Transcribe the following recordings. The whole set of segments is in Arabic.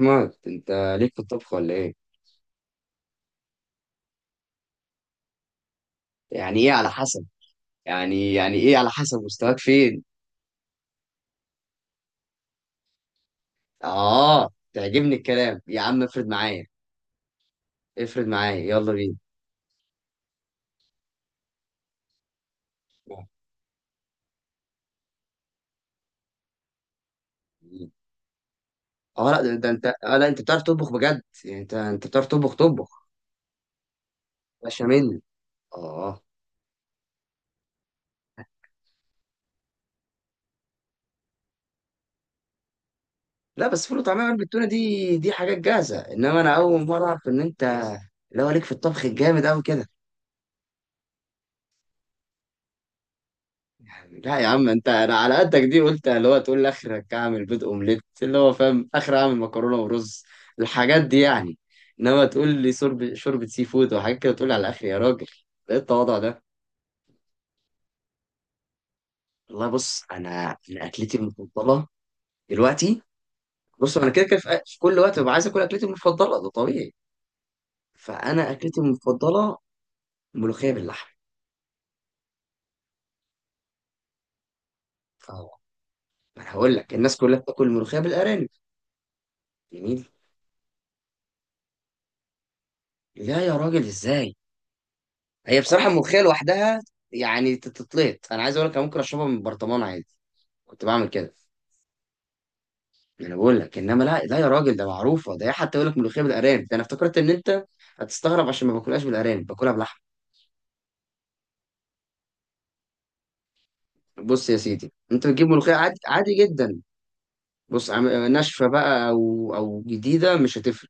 مات انت ليك في الطبخ ولا ايه؟ يعني ايه على حسب؟ يعني يعني ايه على حسب مستواك فين؟ اه تعجبني الكلام يا عم، افرد معايا. افرد معايا يلا بينا. اه لا ده، ده انت اه لا انت بتعرف تطبخ بجد، يعني انت بتعرف تطبخ طبخ باشا مني. اه. لا بس فول وطعميه بالتونه دي، حاجات جاهزه، انما انا اول مره اعرف ان انت لو ليك في الطبخ الجامد قوي كده. لا يا عم انت، انا على قدك، دي قلت اللي هو تقول لي اخرك اعمل بيض اومليت، اللي هو فاهم اخر اعمل مكرونه ورز، الحاجات دي يعني. انما تقول لي شرب شوربه سي فود وحاجات كده، تقول لي على الاخر يا راجل. ايه التواضع ده؟ والله بص، انا اكلتي المفضله دلوقتي، بص انا كده كده في كل وقت ببقى عايز اكل اكلتي المفضله، ده طبيعي. فانا اكلتي المفضله ملوخيه باللحمه. ف- ما انا هقول لك، الناس كلها بتاكل ملوخيه بالارانب. جميل. لا يا راجل ازاي، هي بصراحة الملوخية لوحدها يعني تتطلط. أنا عايز أقول لك، أنا ممكن أشربها من برطمان عادي، كنت بعمل كده. أنا بقول لك، إنما لا يا راجل، ده معروفة. ده إيه حتى يقول لك ملوخية بالأرانب، ده أنا افتكرت إن أنت هتستغرب عشان ما باكلهاش بالأرانب، باكلها بلحمة. بص يا سيدي، أنت بتجيب ملوخية عادي عادي جدا. بص ناشفة بقى أو جديدة مش هتفرق.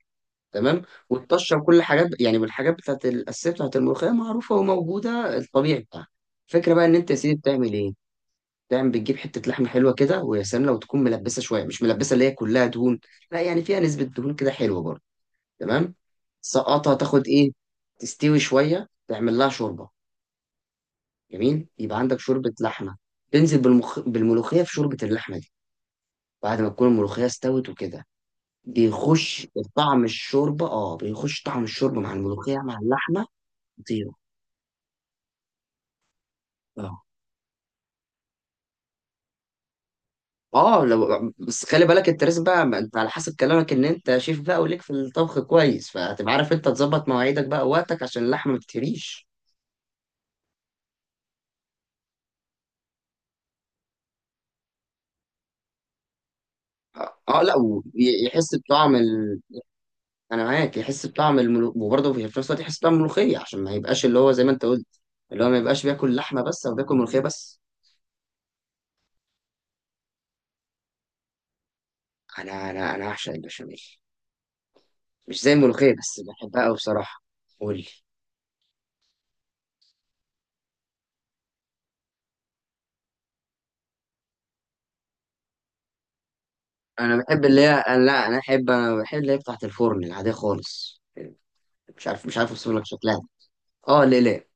تمام. والطشة وكل حاجات يعني، بالحاجات بتاعت الأساسية بتاعت الملوخية معروفة وموجودة، الطبيعي بتاعها. الفكرة بقى إن أنت يا سيدي بتعمل إيه. دايما بتجيب حتة لحمة حلوة كده، ويا سلام لو تكون ملبسة شوية، مش ملبسة اللي هي كلها دهون، لا يعني فيها نسبة دهون كده حلوة برضه. تمام. سقطها تاخد ايه، تستوي شوية، تعمل لها شوربة. جميل، يبقى عندك شوربة لحمة. تنزل بالملوخية في شوربة اللحمة دي، بعد ما تكون الملوخية استوت وكده. بيخش طعم الشوربة، اه بيخش طعم الشوربة مع الملوخية مع اللحمة. خطيرة. اه. اه لو بس خلي بالك الترس بقى، ما انت على حسب كلامك ان انت شيف بقى وليك في الطبخ كويس، فهتبقى عارف انت تظبط مواعيدك بقى ووقتك عشان اللحمه ما تتهريش. اه لا، ويحس بطعم انا معاك، يحس بطعم وبرضه في نفس الوقت يحس بطعم الملوخيه، عشان ما يبقاش اللي هو زي ما انت قلت، اللي هو ما يبقاش بياكل لحمه بس او بياكل ملوخيه بس. انا انا اعشق البشاميل، مش زي الملوخيه بس بحبها قوي بصراحه. قول لي. انا بحب اللي هي أنا- لا انا احب انا بحب اللي هي بتاعت الفرن العاديه خالص، مش عارف، مش عارف اوصف لك شكلها. اه ليه ليه.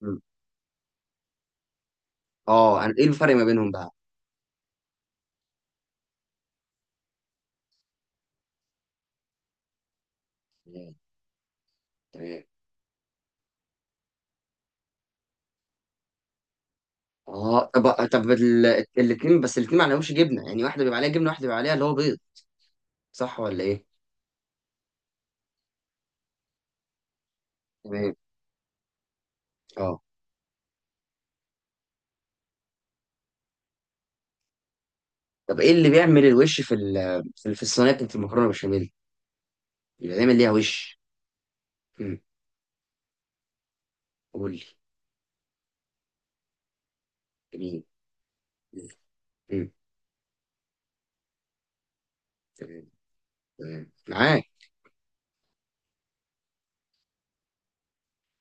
مم. اه انا ايه الفرق ما بينهم بقى. تمام. تمام. اه طب طب الاتنين بس، الاتنين ما عليهمش جبنه يعني، واحده بيبقى عليها جبنه، واحده بيبقى عليها اللي هو بيض، صح ولا ايه؟ تمام. اه طب ايه اللي بيعمل الوش في ال في في الصينيه بتاعت المكرونه بشاميل، بيبقى دايما ليها وش. امم قول لي. جميل. امم تمام. تمام معاك.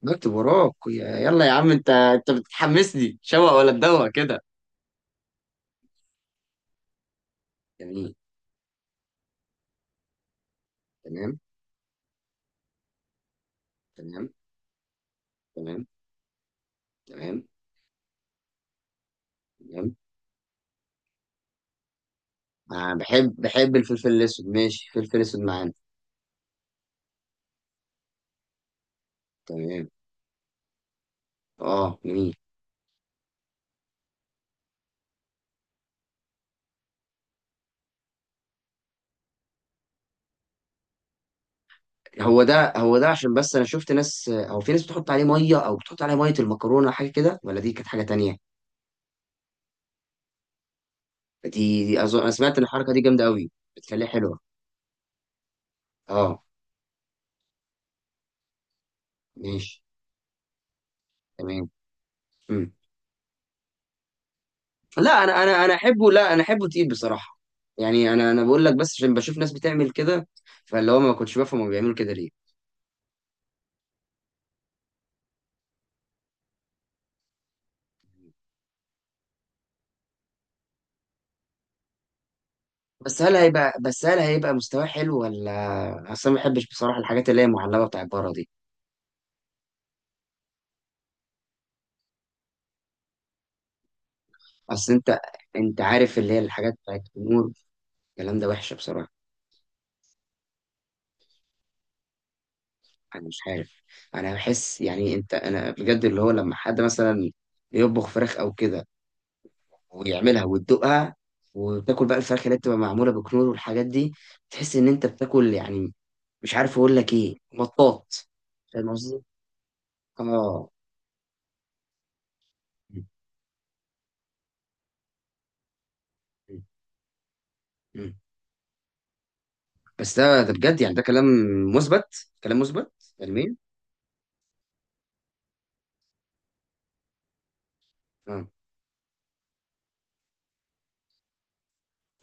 بكتب وراك يلا يا عم، انت انت بتحمسني، شوق ولا تدوق كده. جميل. تمام. تمام. تمام. تمام. تمام. آه بحب، بحب الفلفل الاسود، ماشي، فلفل اسود معانا. تمام. اه جميل. هو ده هو ده، عشان بس انا شفت ناس، او في ناس بتحط عليه ميه، او بتحط عليه ميه المكرونه أو حاجه كده، ولا دي كانت حاجه تانية؟ دي، أظن انا سمعت ان الحركه دي جامده قوي. بتخليه حلوه. اه ماشي. تمام. مم. لا انا انا احبه، لا انا احبه تقيل بصراحه. يعني انا بقول لك، بس عشان بشوف ناس بتعمل كده، فاللي هو ما كنتش بفهم هما بيعملوا كده ليه. بس هل هيبقى، بس هل هيبقى مستواه حلو؟ ولا اصل أنا ما بحبش بصراحه الحاجات اللي هي معلبه بتاعت بره دي. اصل انت، انت عارف اللي هي الحاجات بتاعت النور، الكلام ده وحشه بصراحه. انا مش عارف، انا بحس يعني انت، انا بجد اللي هو لما حد مثلا يطبخ فراخ او كده، ويعملها وتدوقها وتاكل بقى الفراخ اللي بتبقى معموله بكنور والحاجات دي، تحس ان انت بتاكل يعني مش عارف اقول لك ايه، مطاط. فاهم قصدي؟ اه. م- م- م. بس ده ده بجد يعني، ده كلام مثبت، كلام مثبت علميا. اه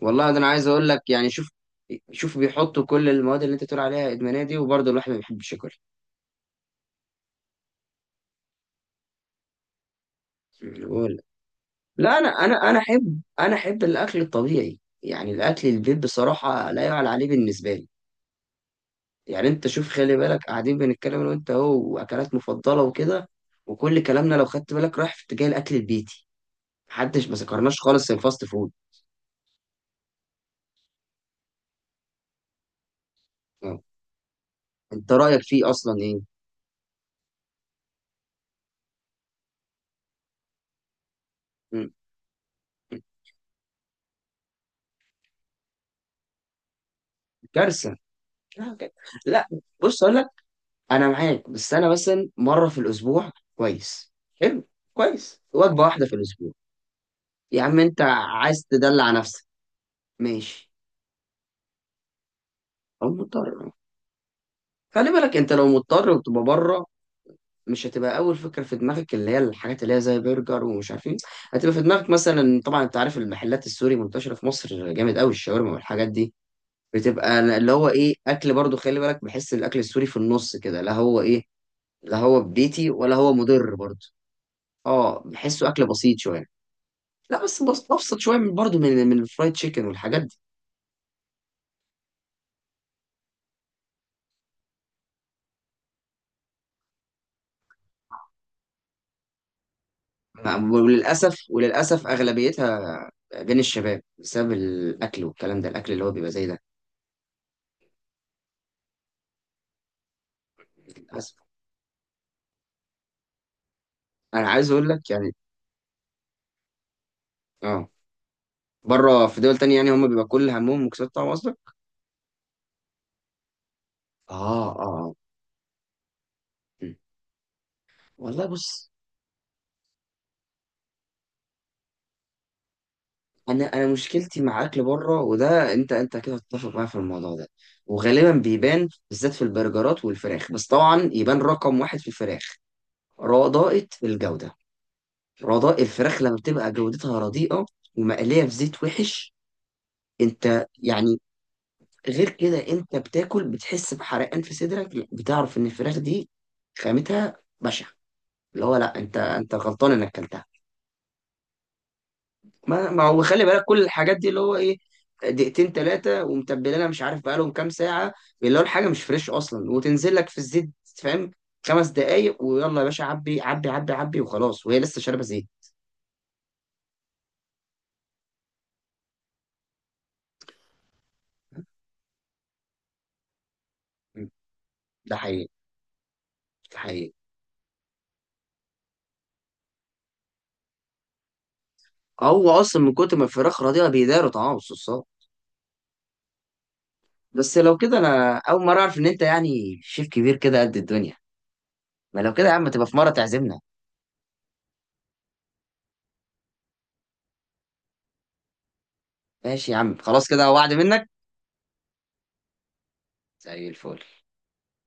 والله ده انا عايز اقول لك يعني، شوف شوف، بيحطوا كل المواد اللي انت بتقول عليها ادمانيه دي، وبرضه الواحد ما بيحبش ياكل. بقول- لا انا انا احب، انا احب الاكل الطبيعي يعني، الاكل البيت بصراحه لا يعلى عليه بالنسبه لي. يعني انت شوف، خلي بالك قاعدين بنتكلم انا وانت اهو، واكلات مفضله وكده، وكل كلامنا لو خدت بالك رايح في اتجاه الاكل البيتي، محدش، ما ذكرناش خالص الفاست فود. اه. انت رايك فيه اصلا ايه؟ م. م- كارثه. لا بجد. لا، بص اقول لك، انا معاك، بس انا مثلا مره في الاسبوع كويس. حلو، كويس، وجبه واحده في الاسبوع. يا عم انت عايز تدلع نفسك، ماشي، او مضطر. خلي بالك انت لو مضطر وتبقى بره، مش هتبقى اول فكره في دماغك اللي هي الحاجات اللي هي زي برجر ومش عارف ايه، هتبقى في دماغك مثلا، طبعا انت عارف المحلات السوري منتشره في مصر جامد قوي، الشاورما والحاجات دي، بتبقى اللي هو ايه، اكل برضو خلي بالك، بحس الاكل السوري في النص كده، لا هو ايه، لا هو بيتي ولا هو مضر برضه. اه بحسه اكل بسيط شويه. لا بس، ابسط شويه من برضه من الفرايد تشيكن والحاجات دي. وللاسف، وللاسف اغلبيتها بين الشباب بسبب الاكل والكلام ده، الاكل اللي هو بيبقى زي ده. للاسف. انا عايز اقول لك يعني. اه. بره في دول تانية يعني، هم بيبقى كل همهم مكسات طعم اصلا. اه اه. م. والله بص، انا مشكلتي مع اكل بره، وده انت، انت كده هتتفق معايا في الموضوع ده، وغالبا بيبان بالذات في البرجرات والفراخ، بس طبعا يبان رقم 1 في الفراخ، رضاءة الجودة. رضاء الفراخ لما بتبقى جودتها رديئة، ومقلية في زيت وحش، انت يعني غير كده، انت بتاكل بتحس بحرقان في صدرك، بتعرف ان الفراخ دي خامتها بشعة، اللي هو لا، انت انت غلطان انك اكلتها. ما، هو خلي بالك كل الحاجات دي اللي هو ايه، دقيقتين 3 ومتبلينها مش عارف بقالهم كام ساعة، اللي هو الحاجة مش فريش أصلا وتنزل لك في الزيت، فاهم، 5 دقايق ويلا يا باشا، عبي عبي عبي عبي وخلاص، وهي لسه شاربة زيت. ده حقيقي. ده حقيقي. هو اصلا من كتر ما الفراخ رضيعه بيداروا طعام الصوصات. بس لو كده انا اول مره اعرف ان انت يعني شيف كبير كده قد الدنيا. ما لو كده يا عم تبقى في مره تعزمنا. ماشي يا عم، خلاص، كده وعد منك. زي الفل.